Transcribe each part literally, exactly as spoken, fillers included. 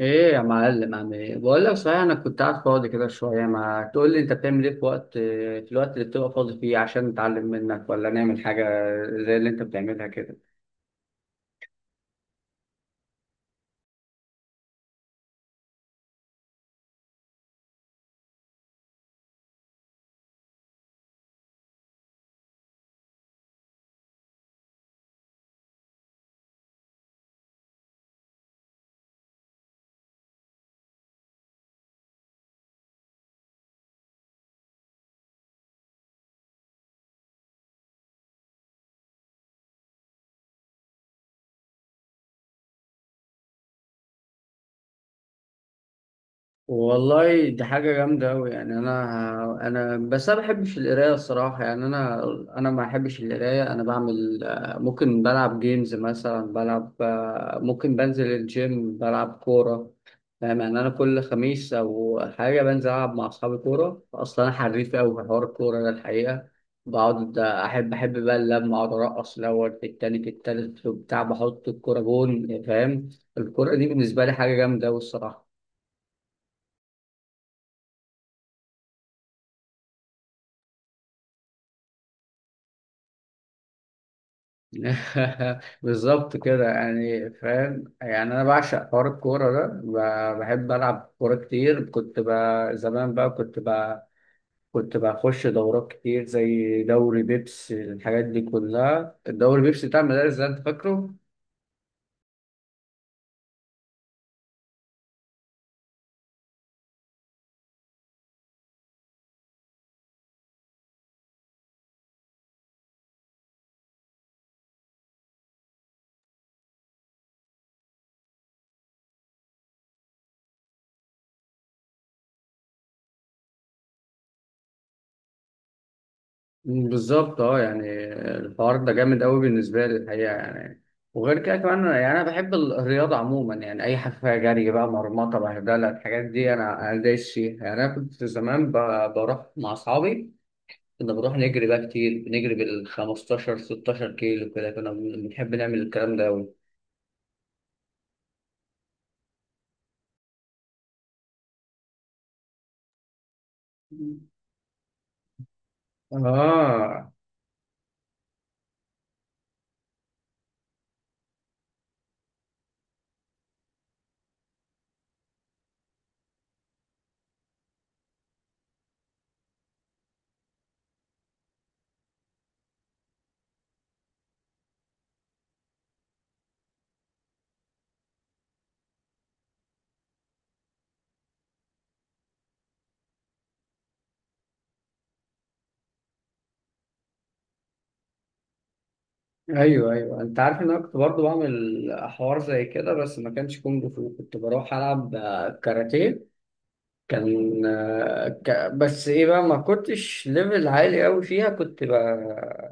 ايه يا معلم، عم ايه، بقول لك صحيح، انا كنت قاعد فاضي كده شويه، ما تقول لي انت بتعمل ايه في وقت في الوقت اللي بتبقى فاضي فيه عشان نتعلم منك ولا نعمل حاجه زي اللي انت بتعملها كده. والله دي حاجة جامدة أوي يعني. أنا أنا بس أنا ما بحبش القراية الصراحة يعني. أنا أنا ما بحبش القراية. أنا بعمل آه، ممكن بلعب جيمز مثلا، بلعب آه، ممكن بنزل الجيم، بلعب كورة، فاهم يعني. أنا كل خميس أو حاجة بنزل ألعب مع أصحابي كورة، أصلا أنا حريف أوي في حوار الكورة ده الحقيقة. بقعد أحب أحب بقى اللمة، أقعد أرقص الأول، في التاني، في التالت، في بتاع، بحط الكورة جون، فاهم. الكورة دي بالنسبة لي حاجة جامدة أوي الصراحة. بالظبط كده، يعني فاهم يعني. انا بعشق حوار الكوره ده. ب- بحب العب كوره كتير. كنت بقى زمان بقى كنت بقى كنت بخش دورات كتير زي دوري بيبس، الحاجات دي كلها، الدوري بيبس بتاع المدارس ده انت فاكره؟ مم، بالظبط اه يعني. الحوار ده جامد قوي بالنسبه لي الحقيقه يعني. وغير كده كمان، يعني انا بحب ال- الرياضه عموما، يعني اي حاجه فيها جري بقى، مرمطه، بهدله، الحاجات دي انا انا دايس فيها يعني. انا كنت زمان ب- بروح مع اصحابي، كنا بنروح نجري بقى كتير، بنجري بال خمسة عشر ستة عشر كيلو كده، كنا بنحب نعمل الكلام ده أوي. اه، ايوه ايوه، انت عارف ان انا كنت برضه بعمل حوار زي كده، بس ما كانش كونج فو، كنت بروح العب آه، كاراتيه. كان آه، ك... بس ايه بقى، ما كنتش ليفل عالي قوي فيها. كنت بقى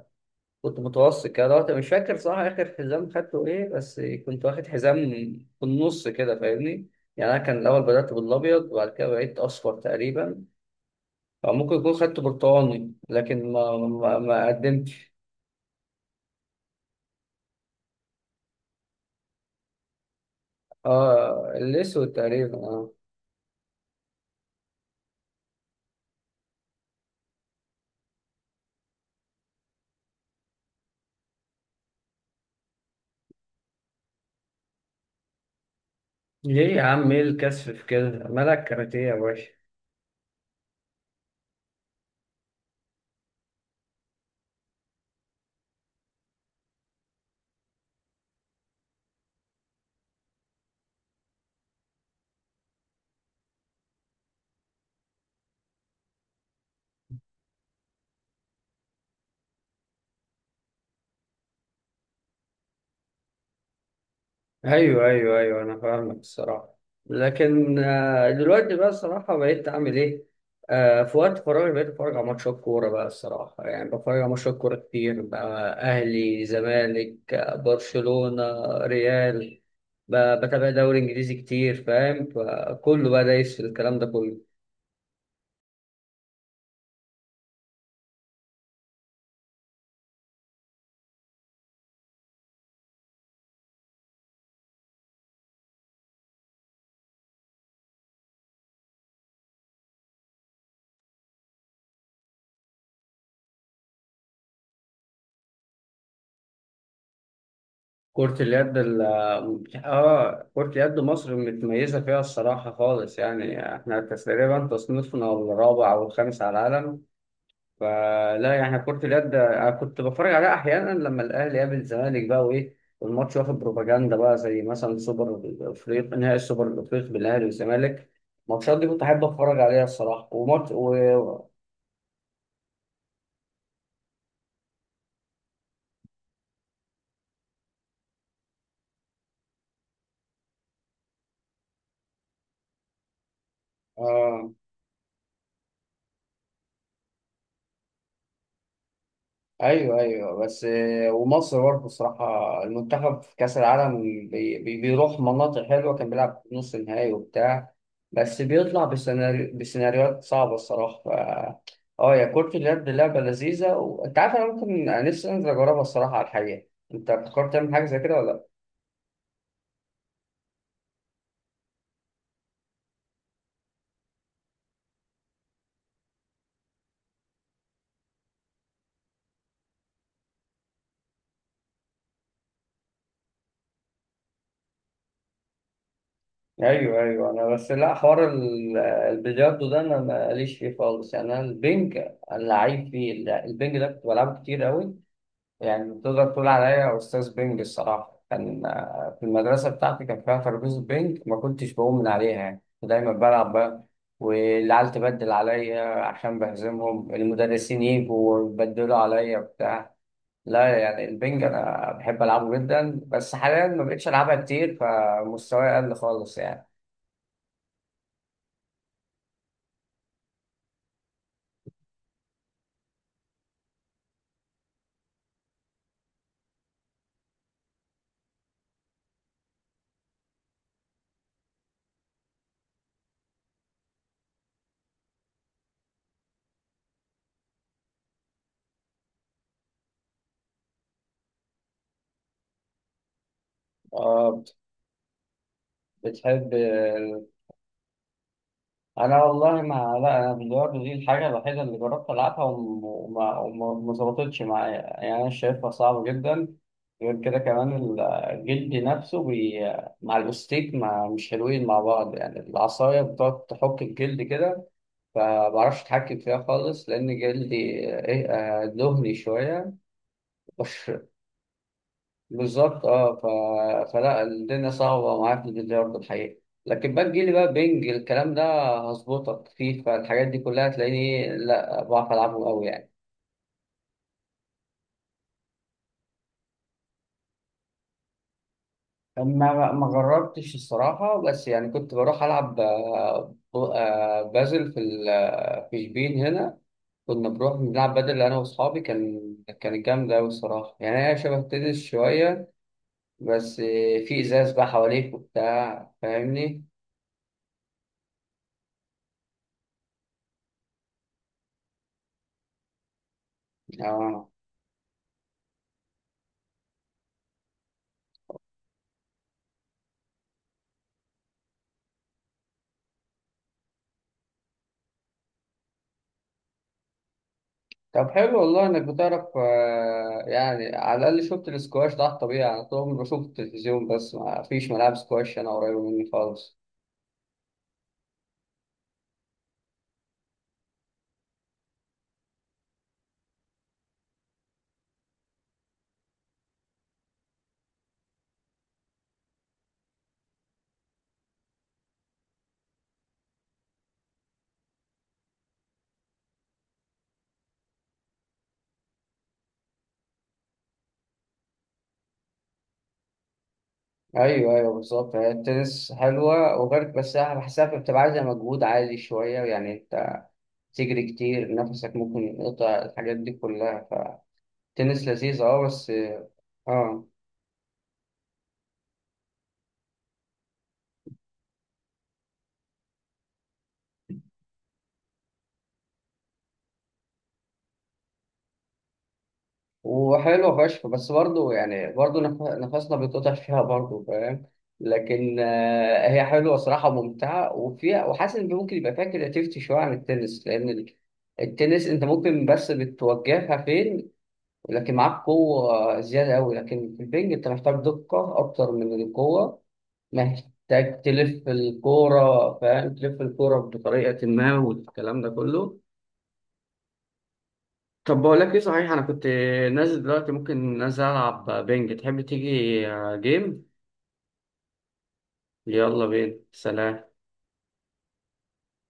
كنت متوسط كده. دلوقتي مش فاكر صح اخر حزام خدته ايه، بس كنت واخد حزام في النص كده فاهمني، يعني انا كان الاول بدأت بالابيض وبعد كده بقيت اصفر تقريبا، أو ممكن يكون خدت برتقاني، لكن ما ما, ما قدمتش. اه، الاسود تقريبا، اه. ليه يا عم؟ ايه الكسف في كده؟ مالك كاراتيه يا باشا. ايوه ايوه ايوه، انا فاهمك الصراحه. لكن آه، دلوقتي بقى الصراحه بقيت اعمل ايه؟ آه، في وقت فراغي بقيت اتفرج على ماتشات كوره بقى الصراحه، يعني بتفرج على ماتشات كوره كتير بقى: اهلي، زمالك، آه، برشلونه، ريال. ب- بتابع دوري انجليزي كتير فاهم، فكله بقى دايس في الكلام ده كله. كرة اليد ال اه، كرة يد مصر متميزة فيها الصراحة خالص، يعني احنا تقريبا تصنيفنا الرابع أو الخامس على العالم. فلا يعني، كرة اليد أنا كنت بتفرج عليها أحيانا لما الأهلي يقابل الزمالك بقى وإيه، والماتش واخد بروباجندا بقى، زي مثلا سوبر الأفريقي، نهائي السوبر الأفريقي بين الأهلي والزمالك، الماتشات دي كنت أحب أتفرج عليها الصراحة. وماتش و... آه، ايوه ايوه. بس آه، ومصر برضه الصراحه، المنتخب في كاس العالم بي بي- بيروح مناطق حلوه، كان بيلعب في نص النهائي وبتاع، بس بيطلع بسيناريو بسيناريوهات صعبه الصراحه ف... اه. يا كرة اليد لعبه لذيذه، وانت عارف انا ممكن، أنا نفسي انزل اجربها الصراحه على الحقيقه. انت فكرت تعمل حاجه زي كده ولا لا؟ ايوه ايوه، انا بس لا، حوار ال- البلياردو ده انا ماليش فيه خالص يعني. انا البنج، أنا لعيب فيه. البنج ده كنت بلعبه كتير قوي، يعني تقدر تقول عليا أستاذ بينج الصراحة. كان آه، في المدرسة بتاعتي كان فيها ترابيزة بينج، ما كنتش بقوم من عليها يعني، كنت دايما بلعب بقى، والعيال تبدل عليا عشان بهزمهم، المدرسين يجوا ويبدلوا عليا وبتاع. لا يعني البينج أنا بحب ألعبه جدا، بس حاليا ما بقتش ألعبها كتير فمستواي قل خالص يعني. آه. بتحب. انا والله ما، لا انا بلياردو دي الحاجه الوحيده اللي جربت العبها، وم- وما وما وما ظبطتش معايا، يعني انا شايفها صعبه جدا. غير كده كمان ال- جلدي نفسه بي... مع الاستيك ما مش حلوين مع بعض، يعني العصايه بتقعد تحك الجلد كده، فمعرفش اتحكم فيها خالص، لان جلدي ايه، آه، دهني شويه. بالظبط اه. ف... فلا الدنيا صعبه ومعاك في البلياردو الحقيقه. لكن بقى تجيلي بقى بينج الكلام ده، هظبطك، فيفا الحاجات دي كلها هتلاقيني، لا بعرف العبه قوي يعني. ما ما جربتش الصراحه، بس يعني كنت بروح العب آه، ب- آه، بازل في ال... آه، في شبين هنا، كنا بنروح بنلعب بدل انا واصحابي. كان كانت جامده قوي الصراحه، يعني هي شبه التنس شويه، بس آه، في ازاز بقى حواليك وبتاع فاهمني. اه. طب حلو والله انك بتعرف، آه، يعني على الاقل شفت السكواش ده على الطبيعي. انا طول عمري بشوف التلفزيون، بس ما فيش ملاعب سكواش انا قريبه مني خالص. ايوه ايوه، بالظبط. هي التنس حلوه، وغير بس أنا بحسها بتبقى عايزه مجهود عالي شويه يعني، انت تجري كتير، نفسك ممكن يقطع، الحاجات دي كلها، فالتنس لذيذ اه بس. اه. وحلوة فشخ، بس برضه يعني برضه نف- نفسنا بيتقطع فيها برضه فاهم. لكن آه، هي حلوة صراحة ممتعة، وفيها، وحاسس إن ممكن يبقى فيها كرياتيفيتي شوية عن التنس، لأن ال- التنس أنت ممكن بس بتوجهها فين، لكن معاك قوة زيادة أوي، لكن في البنج أنت محتاج دقة أكتر من القوة. محتاج تلف الكورة فاهم، تلف الكورة بطريقة ما والكلام ده كله. طب بقول لك ايه صحيح، انا كنت نازل دلوقتي، ممكن نازل العب بينج، تحب تيجي جيم؟ يلا بينا، سلام.